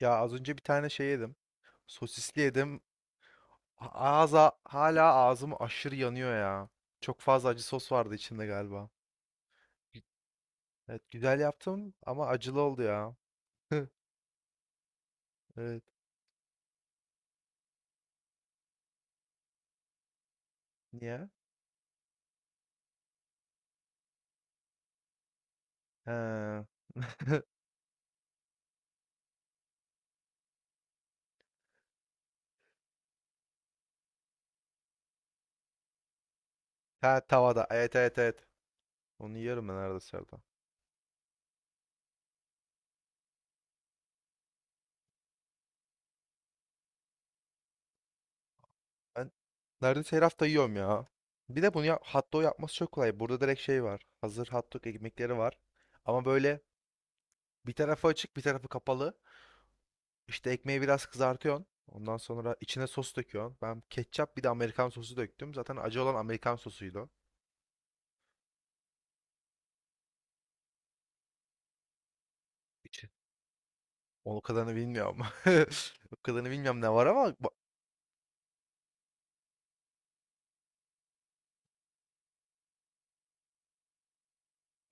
Ya az önce bir tane şey yedim. Sosisli yedim. A- Ağza hala ağzım aşırı yanıyor ya. Çok fazla acı sos vardı içinde galiba. Evet, güzel yaptım ama acılı oldu ya. Evet. Niye? He. Ha, tavada. Evet, evet, evet. Onu yiyorum ben neredeyse her hafta. Ben neredeyse her hafta yiyorum ya. Bir de bunu ya, hot dog yapması çok kolay. Burada direkt şey var. Hazır hot dog ekmekleri var. Ama böyle bir tarafı açık bir tarafı kapalı. İşte ekmeği biraz kızartıyorsun. Ondan sonra içine sos döküyorsun. Ben ketçap bir de Amerikan sosu döktüm. Zaten acı olan Amerikan sosuydu o. İçi. O kadarını bilmiyorum. O kadarını bilmiyorum ne var ama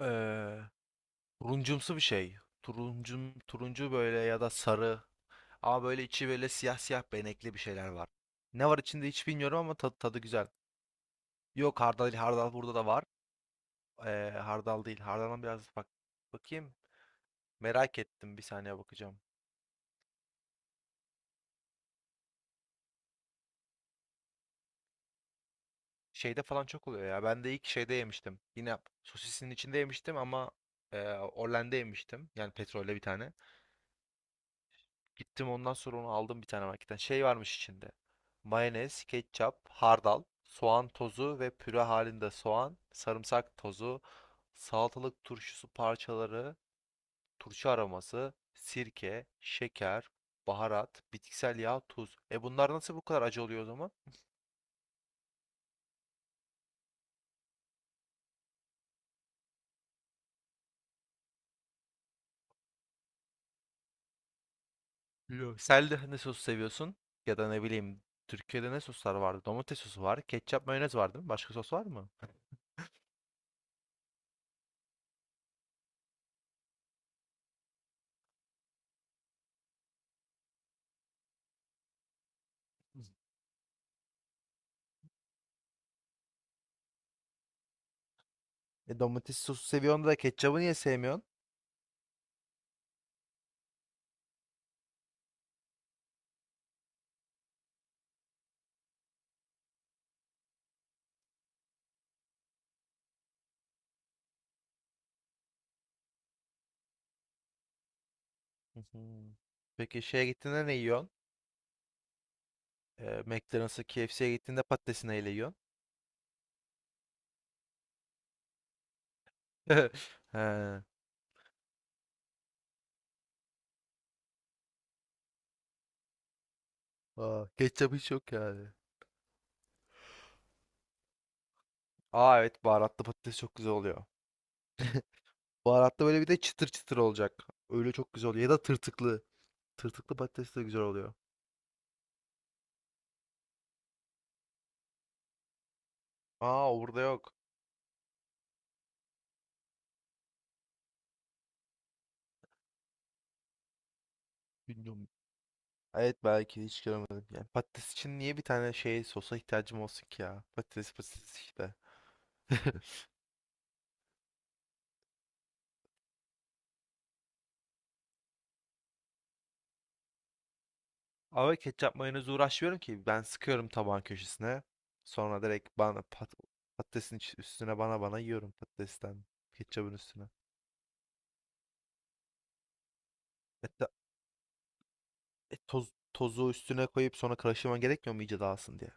eee, turuncumsu bir şey. Turuncu böyle, ya da sarı. Ama böyle içi böyle siyah siyah benekli bir şeyler var. Ne var içinde hiç bilmiyorum ama tadı güzel. Yok hardal, hardal burada da var. Hardal değil. Hardaldan biraz bakayım. Merak ettim. Bir saniye bakacağım. Şeyde falan çok oluyor ya. Ben de ilk şeyde yemiştim. Yine sosisin içinde yemiştim ama Orlen'de yemiştim. Yani petrolle bir tane. Gittim, ondan sonra onu aldım bir tane marketten. Şey varmış içinde. Mayonez, ketçap, hardal, soğan tozu ve püre halinde soğan, sarımsak tozu, salatalık turşusu parçaları, turşu aroması, sirke, şeker, baharat, bitkisel yağ, tuz. E, bunlar nasıl bu kadar acı oluyor o zaman? Biliyorum. Sen de ne sos seviyorsun? Ya da ne bileyim, Türkiye'de ne soslar vardı? Domates sosu var. Ketçap, mayonez var, değil mi? Başka sos var mı? E, domates sosu seviyorsun da ketçabı niye sevmiyorsun? Hı hı. Peki, şeye gittiğinde ne yiyorsun? McDonald's'a, KFC'ye gittiğinde patatesi neyle yiyorsun? He. Aa, ketçap hiç yok yani. Aa, evet, baharatlı patates çok güzel oluyor. Baharatlı, böyle bir de çıtır çıtır olacak. Öyle çok güzel oluyor. Ya da tırtıklı. Tırtıklı patates de güzel oluyor. Aa, burada yok. Bilmiyorum. Evet, belki hiç görmedim. Yani patates için niye bir tane şey sosa ihtiyacım olsun ki ya? Patates patates işte. Ama ketçap mayonezi uğraşmıyorum ki. Ben sıkıyorum tabağın köşesine. Sonra direkt bana, patatesin üstüne, bana yiyorum patatesten. Ketçabın üstüne. Hatta tozu üstüne koyup sonra karıştırman gerekmiyor mu iyice dağılsın diye?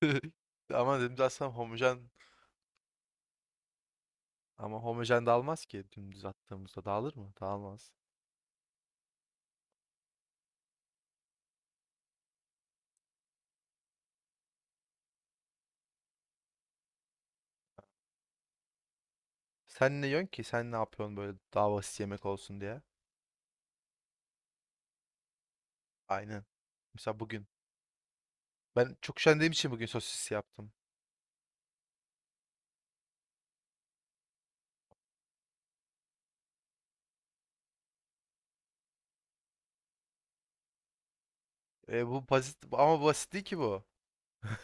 Ama dümdüz atsam homojen, ama homojen dağılmaz ki. Dümdüz attığımızda dağılır mı? Dağılmaz. Sen ne yiyorsun ki? Sen ne yapıyorsun böyle, daha basit yemek olsun diye? Aynen. Mesela bugün. Ben çok üşendiğim için bugün sosis yaptım. Bu basit, ama basit değil ki bu.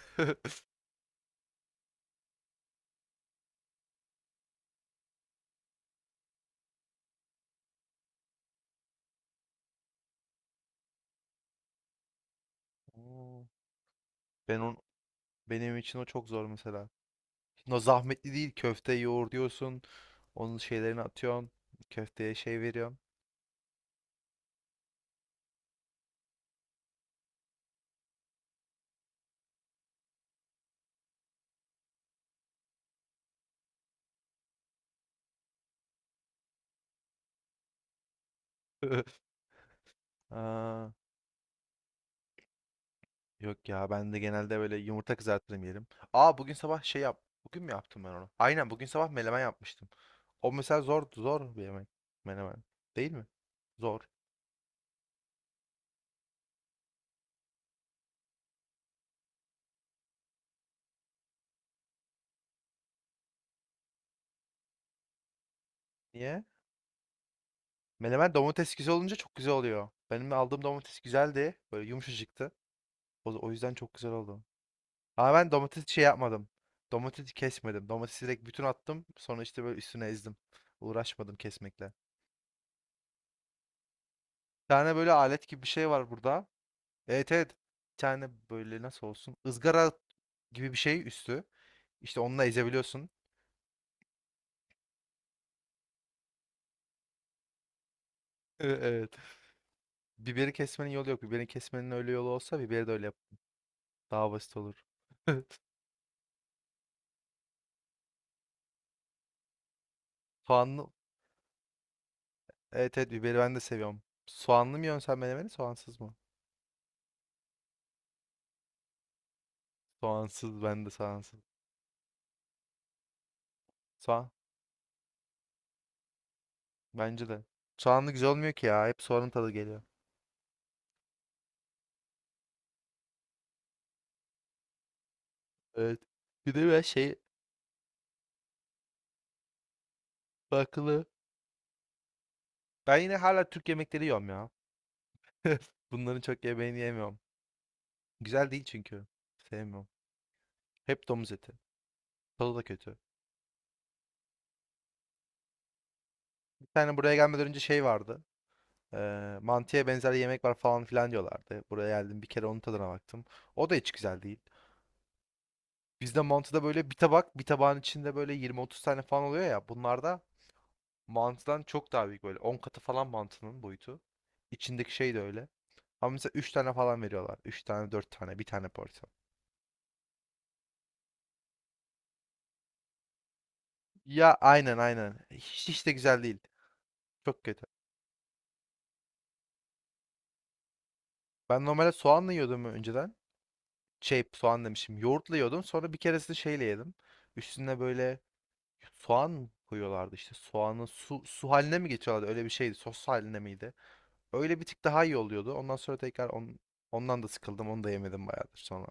Oo. Ben on, Benim için o çok zor mesela. Şimdi o zahmetli değil. Köfte yoğur diyorsun. Onun şeylerini atıyorsun. Köfteye şey veriyorsun. Aa, yok ya, ben de genelde böyle yumurta kızartırım, yerim. Aa, bugün sabah şey yap. Bugün mü yaptım ben onu? Aynen, bugün sabah menemen yapmıştım. O mesela zor zor bir yemek. Menemen. Değil mi? Zor. Niye? Menemen, domates güzel olunca çok güzel oluyor. Benim aldığım domates güzeldi. Böyle yumuşacıktı. O yüzden çok güzel oldu. Ama ben domates şey yapmadım. Domatesi kesmedim. Domatesi direkt bütün attım. Sonra işte böyle üstüne ezdim. Uğraşmadım kesmekle. Bir tane böyle alet gibi bir şey var burada. Evet, evet. Bir tane böyle, nasıl olsun, ızgara gibi bir şey üstü. İşte onunla ezebiliyorsun. Evet. Biberi kesmenin yolu yok. Biberi kesmenin öyle yolu olsa biberi de öyle yap. Daha basit olur. Soğanlı, Evet, evet, biberi ben de seviyorum. Soğanlı mı yiyorsun sen menemeni, soğansız mı? Soğansız, ben de soğansız. Soğan, bence de. Soğanlı güzel olmuyor ki ya. Hep soğanın tadı geliyor. Evet. Bir de ben şey bakılı. Ben yine hala Türk yemekleri yiyorum ya. Bunların çok yemeğini yemiyorum. Güzel değil çünkü. Sevmiyorum. Hep domuz eti. Tadı da kötü. Bir tane buraya gelmeden önce şey vardı. Mantıya benzer yemek var falan filan diyorlardı. Buraya geldim, bir kere onun tadına baktım. O da hiç güzel değil. Bizde mantıda böyle bir tabağın içinde böyle 20-30 tane falan oluyor ya. Bunlarda mantıdan çok daha büyük, böyle 10 katı falan mantının boyutu. İçindeki şey de öyle. Ama mesela 3 tane falan veriyorlar. Üç tane, 4 tane, bir tane porsiyon. Ya aynen, aynen. Hiç de güzel değil. Çok kötü. Ben normalde soğanla yiyordum önceden. Şey, soğan demişim. Yoğurtla yiyordum. Sonra bir keresinde şeyle yedim. Üstüne böyle soğan koyuyorlardı işte. Soğanı su haline mi getiriyorlardı? Öyle bir şeydi. Sos haline miydi? Öyle bir tık daha iyi oluyordu. Ondan sonra tekrar ondan da sıkıldım. Onu da yemedim bayağıdır sonra.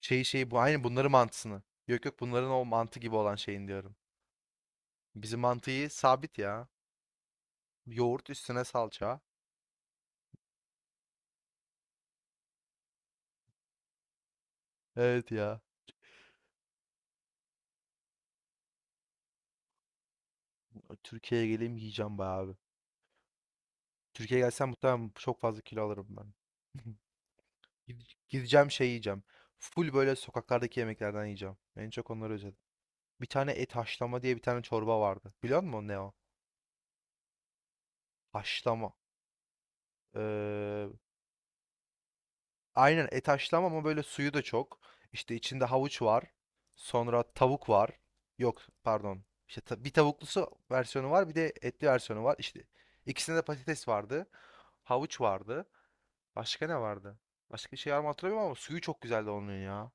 Şeyi bu, aynı bunların mantısını. Yok yok, bunların o mantı gibi olan şeyin diyorum. Bizim mantıyı sabit ya. Yoğurt, üstüne salça. Evet ya. Türkiye'ye geleyim yiyeceğim bayağı abi. Türkiye'ye gelsem muhtemelen çok fazla kilo alırım ben. Gideceğim, şey yiyeceğim. Full böyle sokaklardaki yemeklerden yiyeceğim. En çok onları özledim. Bir tane et haşlama diye bir tane çorba vardı. Biliyor musun ne o? Haşlama. Ee, Aynen et haşlama, ama böyle suyu da çok. İşte içinde havuç var. Sonra tavuk var. Yok, pardon. İşte bir tavuklusu versiyonu var, bir de etli versiyonu var. İşte ikisinde de patates vardı. Havuç vardı. Başka ne vardı? Başka bir şey var mı hatırlamıyorum, ama suyu çok güzeldi onun ya.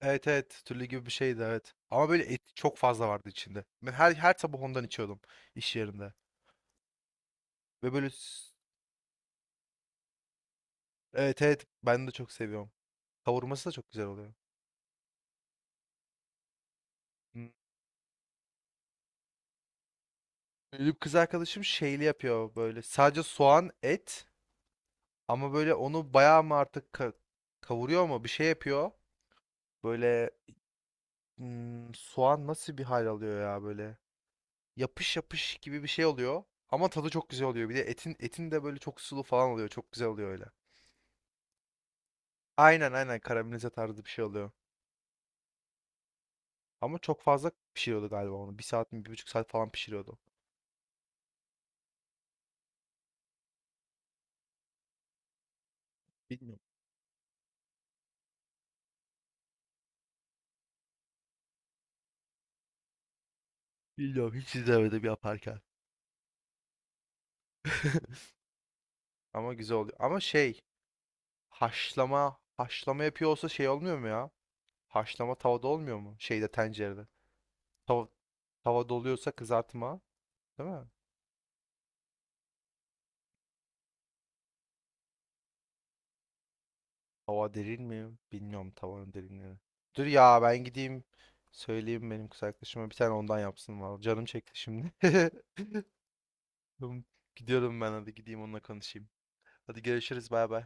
Evet, evet, türlü gibi bir şeydi, evet. Ama böyle et çok fazla vardı içinde. Ben her sabah ondan içiyordum iş yerinde. Ve böyle evet, evet, ben de çok seviyorum. Kavurması da çok güzel oluyor. Benim kız arkadaşım şeyli yapıyor böyle. Sadece soğan, et, ama böyle onu bayağı mı artık kavuruyor mu? Bir şey yapıyor. Böyle soğan nasıl bir hal alıyor ya böyle. Yapış yapış gibi bir şey oluyor. Ama tadı çok güzel oluyor. Bir de etin de böyle çok sulu falan oluyor. Çok güzel oluyor öyle. Aynen, aynen, karamelize tarzı bir şey oluyor. Ama çok fazla pişiriyordu galiba onu. Bir saat mi, bir buçuk saat falan pişiriyordu. Bilmiyorum. Bilmiyorum, hiç izlemedim yaparken. Ama güzel oluyor. Ama şey, haşlama yapıyor olsa şey olmuyor mu ya? Haşlama tavada olmuyor mu? Şeyde, tencerede. Tava, tavada oluyorsa kızartma, değil mi? Tava derin mi? Bilmiyorum tavanın derinliğini. Dur ya, ben gideyim söyleyeyim benim kız arkadaşıma bir tane ondan yapsın var. Canım çekti şimdi. Tamam, gidiyorum ben, hadi gideyim onunla konuşayım. Hadi görüşürüz, bay bay.